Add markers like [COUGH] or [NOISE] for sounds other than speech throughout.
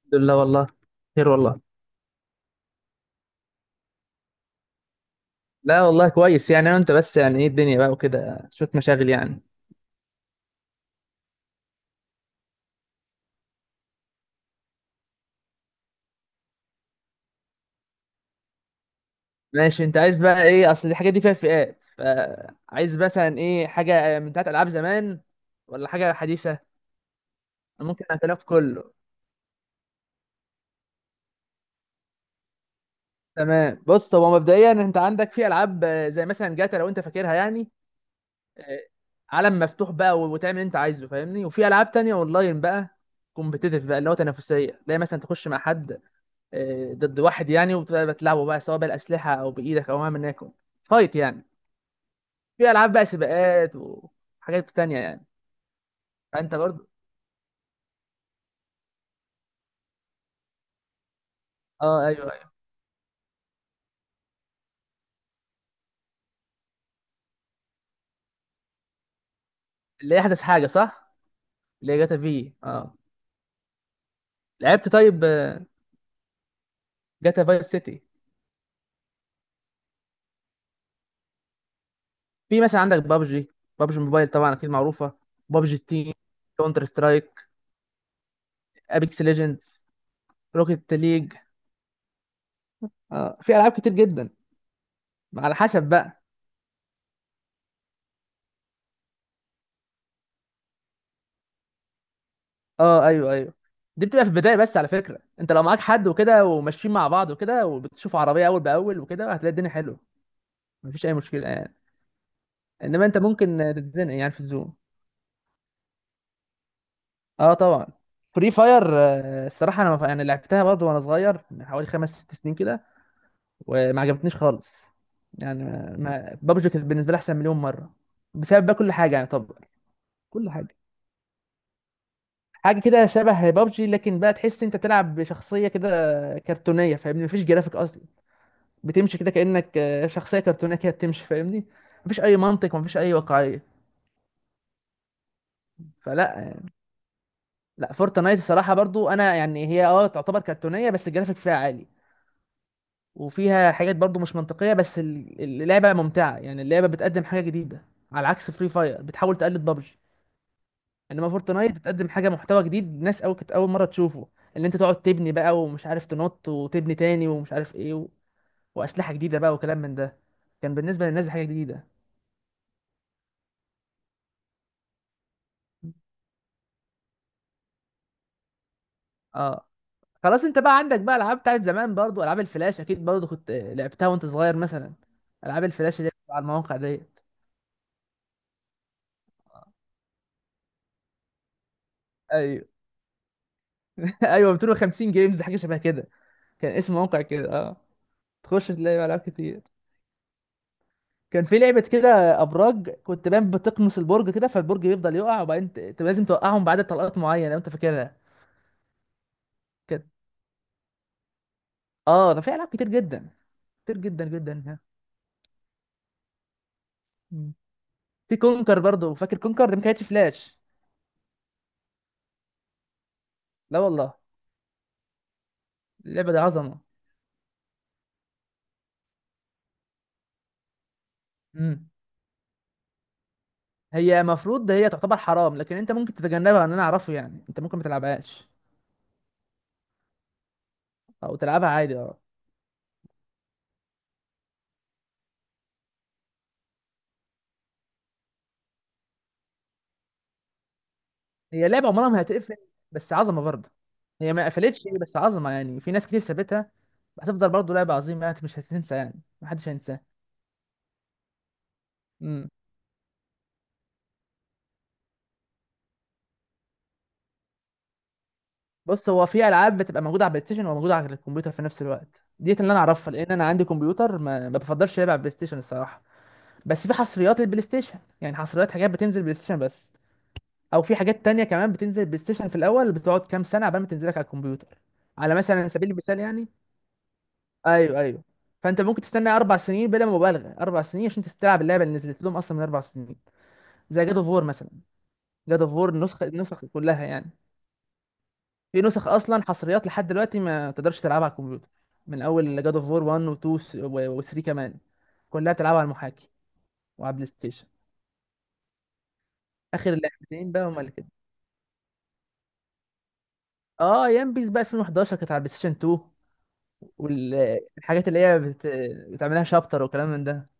الحمد لله والله، خير والله. لا والله كويس يعني، انا وانت بس يعني، ايه الدنيا بقى وكده، شوية مشاغل يعني. ماشي، انت عايز بقى ايه؟ اصل الحاجات دي فيها فئات، فعايز مثلا ايه؟ حاجة من بتاعت العاب زمان ولا حاجة حديثة؟ ممكن اعتلاف كله. تمام، بص، هو مبدئيا انت عندك في العاب، زي مثلا جاتا لو انت فاكرها يعني. آه، عالم مفتوح بقى وتعمل اللي انت عايزه، فاهمني؟ وفي العاب تانية اونلاين بقى، كومبيتيتيف بقى، اللي هو تنافسية، اللي هي مثلا تخش مع حد، ضد واحد يعني، وبتبقى بتلعبه بقى سواء بالأسلحة أو بإيدك أو مهما يكن، فايت يعني. في ألعاب بقى سباقات وحاجات تانية يعني. فأنت برضه. أه، أيوه أيوه. اللي هي أحدث حاجة، صح؟ اللي هي جاتا في. لعبت طيب، جاتا فايس سيتي. في مثلا عندك بابجي، بابجي موبايل طبعا أكيد معروفة، بابجي ستيم، كونتر سترايك، أبيكس ليجندز، روكيت ليج. أه، في ألعاب كتير جدا، على حسب بقى. اه، ايوه ايوه. دي بتبقى في البدايه بس. على فكره، انت لو معاك حد وكده وماشيين مع بعض وكده وبتشوف عربيه اول باول وكده، هتلاقي الدنيا حلوه، مفيش اي مشكله يعني. انما انت ممكن تتزنق يعني في الزوم. اه، طبعا. فري فاير، الصراحه، انا يعني لعبتها برضه وانا صغير من حوالي خمس ست سنين كده، وما عجبتنيش خالص. يعني بابجي كانت بالنسبه لي احسن مليون مره، بسبب بقى كل حاجه يعني طبعا. كل حاجه، حاجه كده شبه بابجي، لكن بقى تحس انت تلعب بشخصيه كده كرتونيه، فاهمني؟ مفيش جرافيك اصلا. بتمشي كده كأنك، شخصية كرتونية كده بتمشي، فاهمني؟ مفيش أي منطق، مفيش أي واقعية، فلا يعني. لا، فورتنايت الصراحة برضو، أنا يعني، هي تعتبر كرتونية بس الجرافيك فيها عالي، وفيها حاجات برضو مش منطقية، بس اللعبة ممتعة، يعني اللعبة بتقدم حاجة جديدة، على عكس فري فاير بتحاول تقلد بابجي. إنما فورتنايت بتقدم حاجة، محتوى جديد، ناس أول كانت أول مرة تشوفه، اللي أنت تقعد تبني بقى ومش عارف تنط وتبني تاني ومش عارف إيه، وأسلحة جديدة بقى وكلام من ده، كان بالنسبة للناس دي حاجة جديدة. اه، خلاص، انت بقى عندك بقى العاب بتاعت زمان برضو، العاب الفلاش اكيد برضو كنت لعبتها وانت صغير مثلا. العاب الفلاش اللي هي بتبقى على المواقع ديت. ايوه، [LAUGHS] ايوه، 250 جيمز حاجه شبه كده. كان اسم موقع كده، اه. تخش تلاقي العاب كتير. كان في لعبه كده، ابراج، كنت بقى بتقمص البرج كده فالبرج يفضل يقع، وبعدين لازم توقعهم بعدد طلقات معينه لو انت فاكرها كده. اه، ده في العاب كتير جدا، كتير جدا جدا، ها. مم. في كونكر برضو، فاكر كونكر؟ ده ما كانتش فلاش. لا والله، اللعبه دي عظمه. مم. هي مفروض ده، هي تعتبر حرام، لكن انت ممكن تتجنبها، ان انا اعرفه يعني، انت ممكن ما تلعبهاش او تلعبها عادي، اه. هي لعبه عمرها ما هتقفل، بس عظمه برضه. هي ما قفلتش، بس عظمه يعني، في ناس كتير سابتها، هتفضل برضه لعبه عظيمه، انت مش هتنسى يعني، محدش هينساها. امم. بص، هو في العاب بتبقى موجوده على البلاي ستيشن وموجوده على الكمبيوتر في نفس الوقت، ديت اللي انا اعرفها، لان انا عندي كمبيوتر، ما بفضلش العب على البلاي ستيشن الصراحه. بس في حصريات للبلاي ستيشن، يعني حصريات، حاجات بتنزل بلاي ستيشن بس، او في حاجات تانية كمان بتنزل بلاي ستيشن في الاول، بتقعد كام سنه عبال ما تنزلك على الكمبيوتر. على مثلا سبيل المثال يعني. ايوه ايوه. فانت ممكن تستنى 4 سنين بلا مبالغه، 4 سنين، عشان تستلعب اللعبه اللي نزلت لهم اصلا من 4 سنين، زي جاد اوف وور مثلا. جاد اوف وور النسخ كلها يعني، في نسخ اصلا حصريات لحد دلوقتي ما تقدرش تلعبها على الكمبيوتر، من اول جاد اوف وور 1 و2 و3 كمان، كلها بتلعبها على المحاكي وعلى بلاي ستيشن. اخر اللعبتين بقى هما اللي كده. اه، ايام بيس بقى 2011 كانت على بلاي ستيشن 2، والحاجات اللي هي بتعملها شابتر وكلام من ده.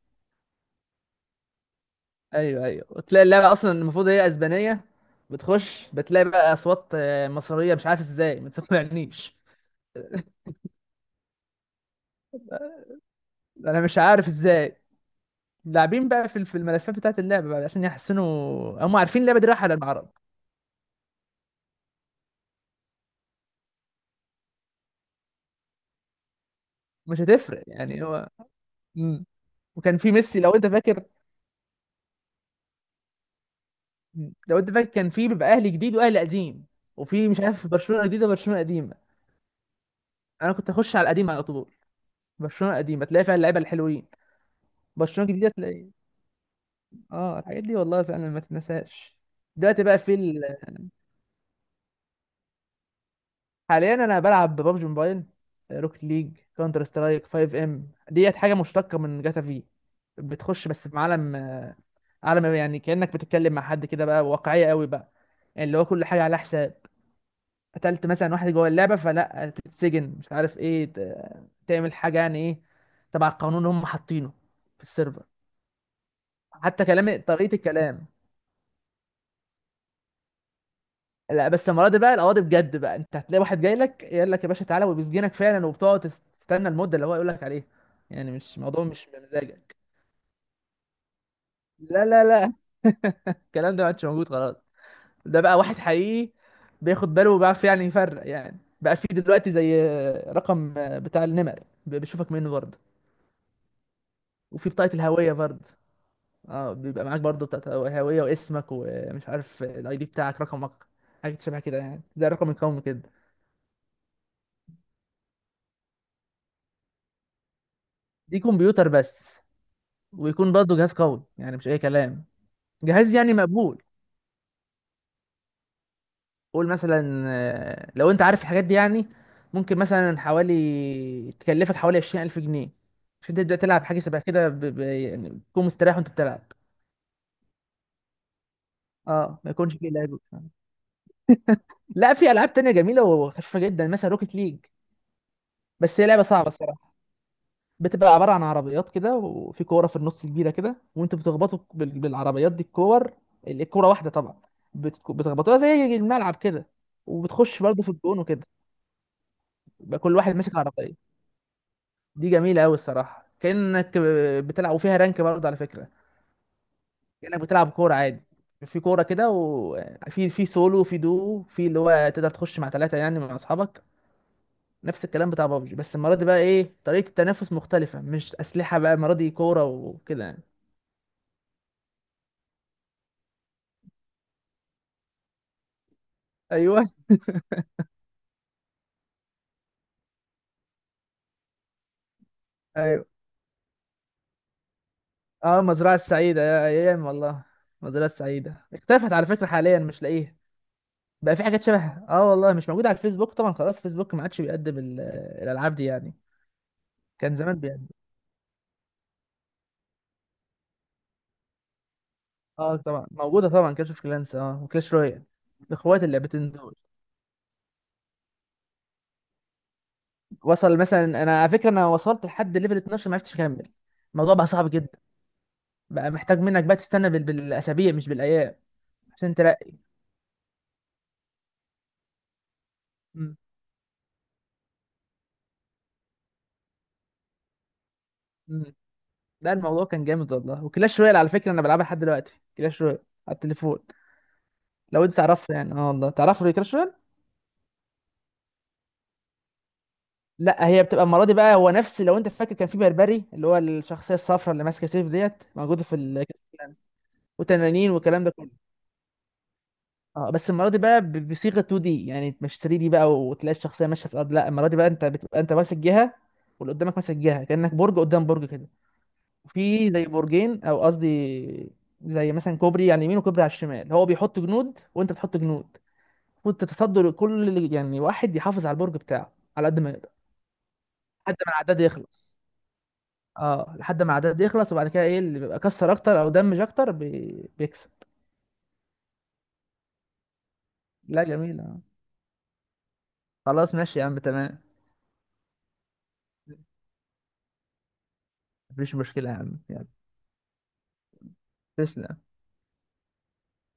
ايوه ايوه، وتلاقي اللعبه اصلا المفروض هي اسبانيه، بتخش بتلاقي بقى اصوات مصريه، مش عارف ازاي، ما تقنعنيش. [LAUGHS] انا مش عارف ازاي. لاعبين بقى في الملفات بتاعت اللعبه بقى عشان يحسنوا، هم عارفين اللعبه دي رايحه على المعرض. مش هتفرق يعني هو. مم. وكان في ميسي لو انت فاكر. مم. لو انت فاكر، كان في بيبقى اهلي جديد واهلي قديم، وفي مش عارف برشلونه جديده، برشلونه قديمه، انا كنت اخش على القديم على طول. برشلونه قديمه تلاقي فيها اللعيبه الحلوين. برشلونه الجديده تلاقي اه، الحاجات دي والله فعلا ما تتنساش. دلوقتي بقى في ال... حاليا انا بلعب ببجي موبايل، روكت ليج، كونتر سترايك، 5 ام، ديت حاجه مشتقه من جاتا في، بتخش بس في عالم، عالم يعني كانك بتتكلم مع حد كده بقى، واقعيه قوي بقى، يعني اللي هو كل حاجه على حساب، قتلت مثلا واحد جوه اللعبه فلا تتسجن، مش عارف ايه، تعمل حاجه يعني، ايه تبع القانون اللي هم حاطينه في السيرفر، حتى كلام، طريقه الكلام. لا، بس المره دي بقى القواضي بجد بقى، انت هتلاقي واحد جاي لك يقول لك يا باشا تعالى، وبيسجنك فعلا، وبتقعد تستنى المده اللي هو يقول لك عليها، يعني مش موضوع، مش بمزاجك. لا لا لا، [LAUGHS] الكلام ده ما عادش موجود خلاص، ده بقى واحد حقيقي، بياخد باله، وبيعرف يعني يفرق يعني، بقى في دلوقتي زي رقم بتاع النمر، بيشوفك منه برضه، وفي بطاقه الهويه برضه. اه، بيبقى معاك برضه بتاعه، الهويه، واسمك، ومش عارف الاي دي بتاعك، رقمك، حاجه شبه كده يعني زي الرقم القومي كده. دي كمبيوتر بس، ويكون برضه جهاز قوي يعني، مش اي كلام، جهاز يعني مقبول، قول مثلا لو انت عارف الحاجات دي يعني، ممكن مثلا حوالي تكلفك حوالي 20000 جنيه، عشان تبدا تلعب حاجه شبه كده، يعني تكون مستريح وانت بتلعب. اه، ما يكونش فيه لاج. لا، في العاب تانية جميله وخفيفه جدا، مثلا روكيت ليج، بس هي لعبه صعبه الصراحه، بتبقى عبارة عن عربيات كده، وفي كورة في النص كبيرة كده، وانتوا بتخبطوا بالعربيات دي الكور، الكورة واحدة طبعا، بتخبطوها زي الملعب كده، وبتخش برضه في الجون وكده، يبقى كل واحد ماسك عربية. دي جميلة أوي الصراحة، كأنك بتلعب، وفيها رانك برضه على فكرة، كأنك بتلعب كورة عادي، في كورة كده، وفي سولو، وفي دو، في اللي هو تقدر تخش مع 3 يعني مع أصحابك، نفس الكلام بتاع بابجي، بس المرة دي بقى إيه؟ طريقة التنافس مختلفة، مش أسلحة بقى المرة دي، كورة وكده يعني. أيوه ايوه. اه، المزرعه السعيده، يا ايام والله. المزرعه السعيده اختفت على فكره، حاليا مش لاقيها، بقى في حاجات شبهها، اه والله، مش موجوده على الفيسبوك طبعا، خلاص فيسبوك ما عادش بيقدم الالعاب دي يعني، كان زمان بيقدم. اه، طبعا موجوده طبعا، كلاش اوف كلانس، اه، وكلاش رويال، اخوات اللعبتين دول. وصل مثلا، انا على فكره انا وصلت لحد ليفل 12، ما عرفتش اكمل، الموضوع بقى صعب جدا، بقى محتاج منك بقى تستنى بالاسابيع مش بالايام، عشان ترقي. مم. مم. لا، الموضوع كان جامد والله، وكلاش رويال على فكره انا بلعبها لحد دلوقتي، كلاش رويال على التليفون، لو انت تعرفها يعني، اه والله تعرف كلاش رويال. لا، هي بتبقى المره دي بقى، هو نفس، لو انت فاكر كان في بربري اللي هو الشخصيه الصفراء اللي ماسكه سيف، ديت موجوده في ال، وتنانين والكلام ده كله. اه، بس المره دي بقى بصيغه 2 دي يعني، مش 3 دي بقى، وتلاقي الشخصيه ماشيه في الارض، لا المره دي بقى انت بتبقى انت ماسك جهه، واللي قدامك ماسك جهه، كانك برج قدام برج كده، في زي برجين، او قصدي زي مثلا كوبري على اليمين وكوبري على الشمال، هو بيحط جنود وانت بتحط جنود، المفروض تتصدر يعني واحد يحافظ على البرج بتاعه على قد ما يقدر، لحد ما العداد يخلص. اه، لحد ما العداد يخلص، وبعد كده ايه اللي بيبقى كسر اكتر او دمج اكتر بيكسب. لا جميل، آه. خلاص ماشي يا عم، تمام. مفيش مشكلة يا عم، يلا، تسلم.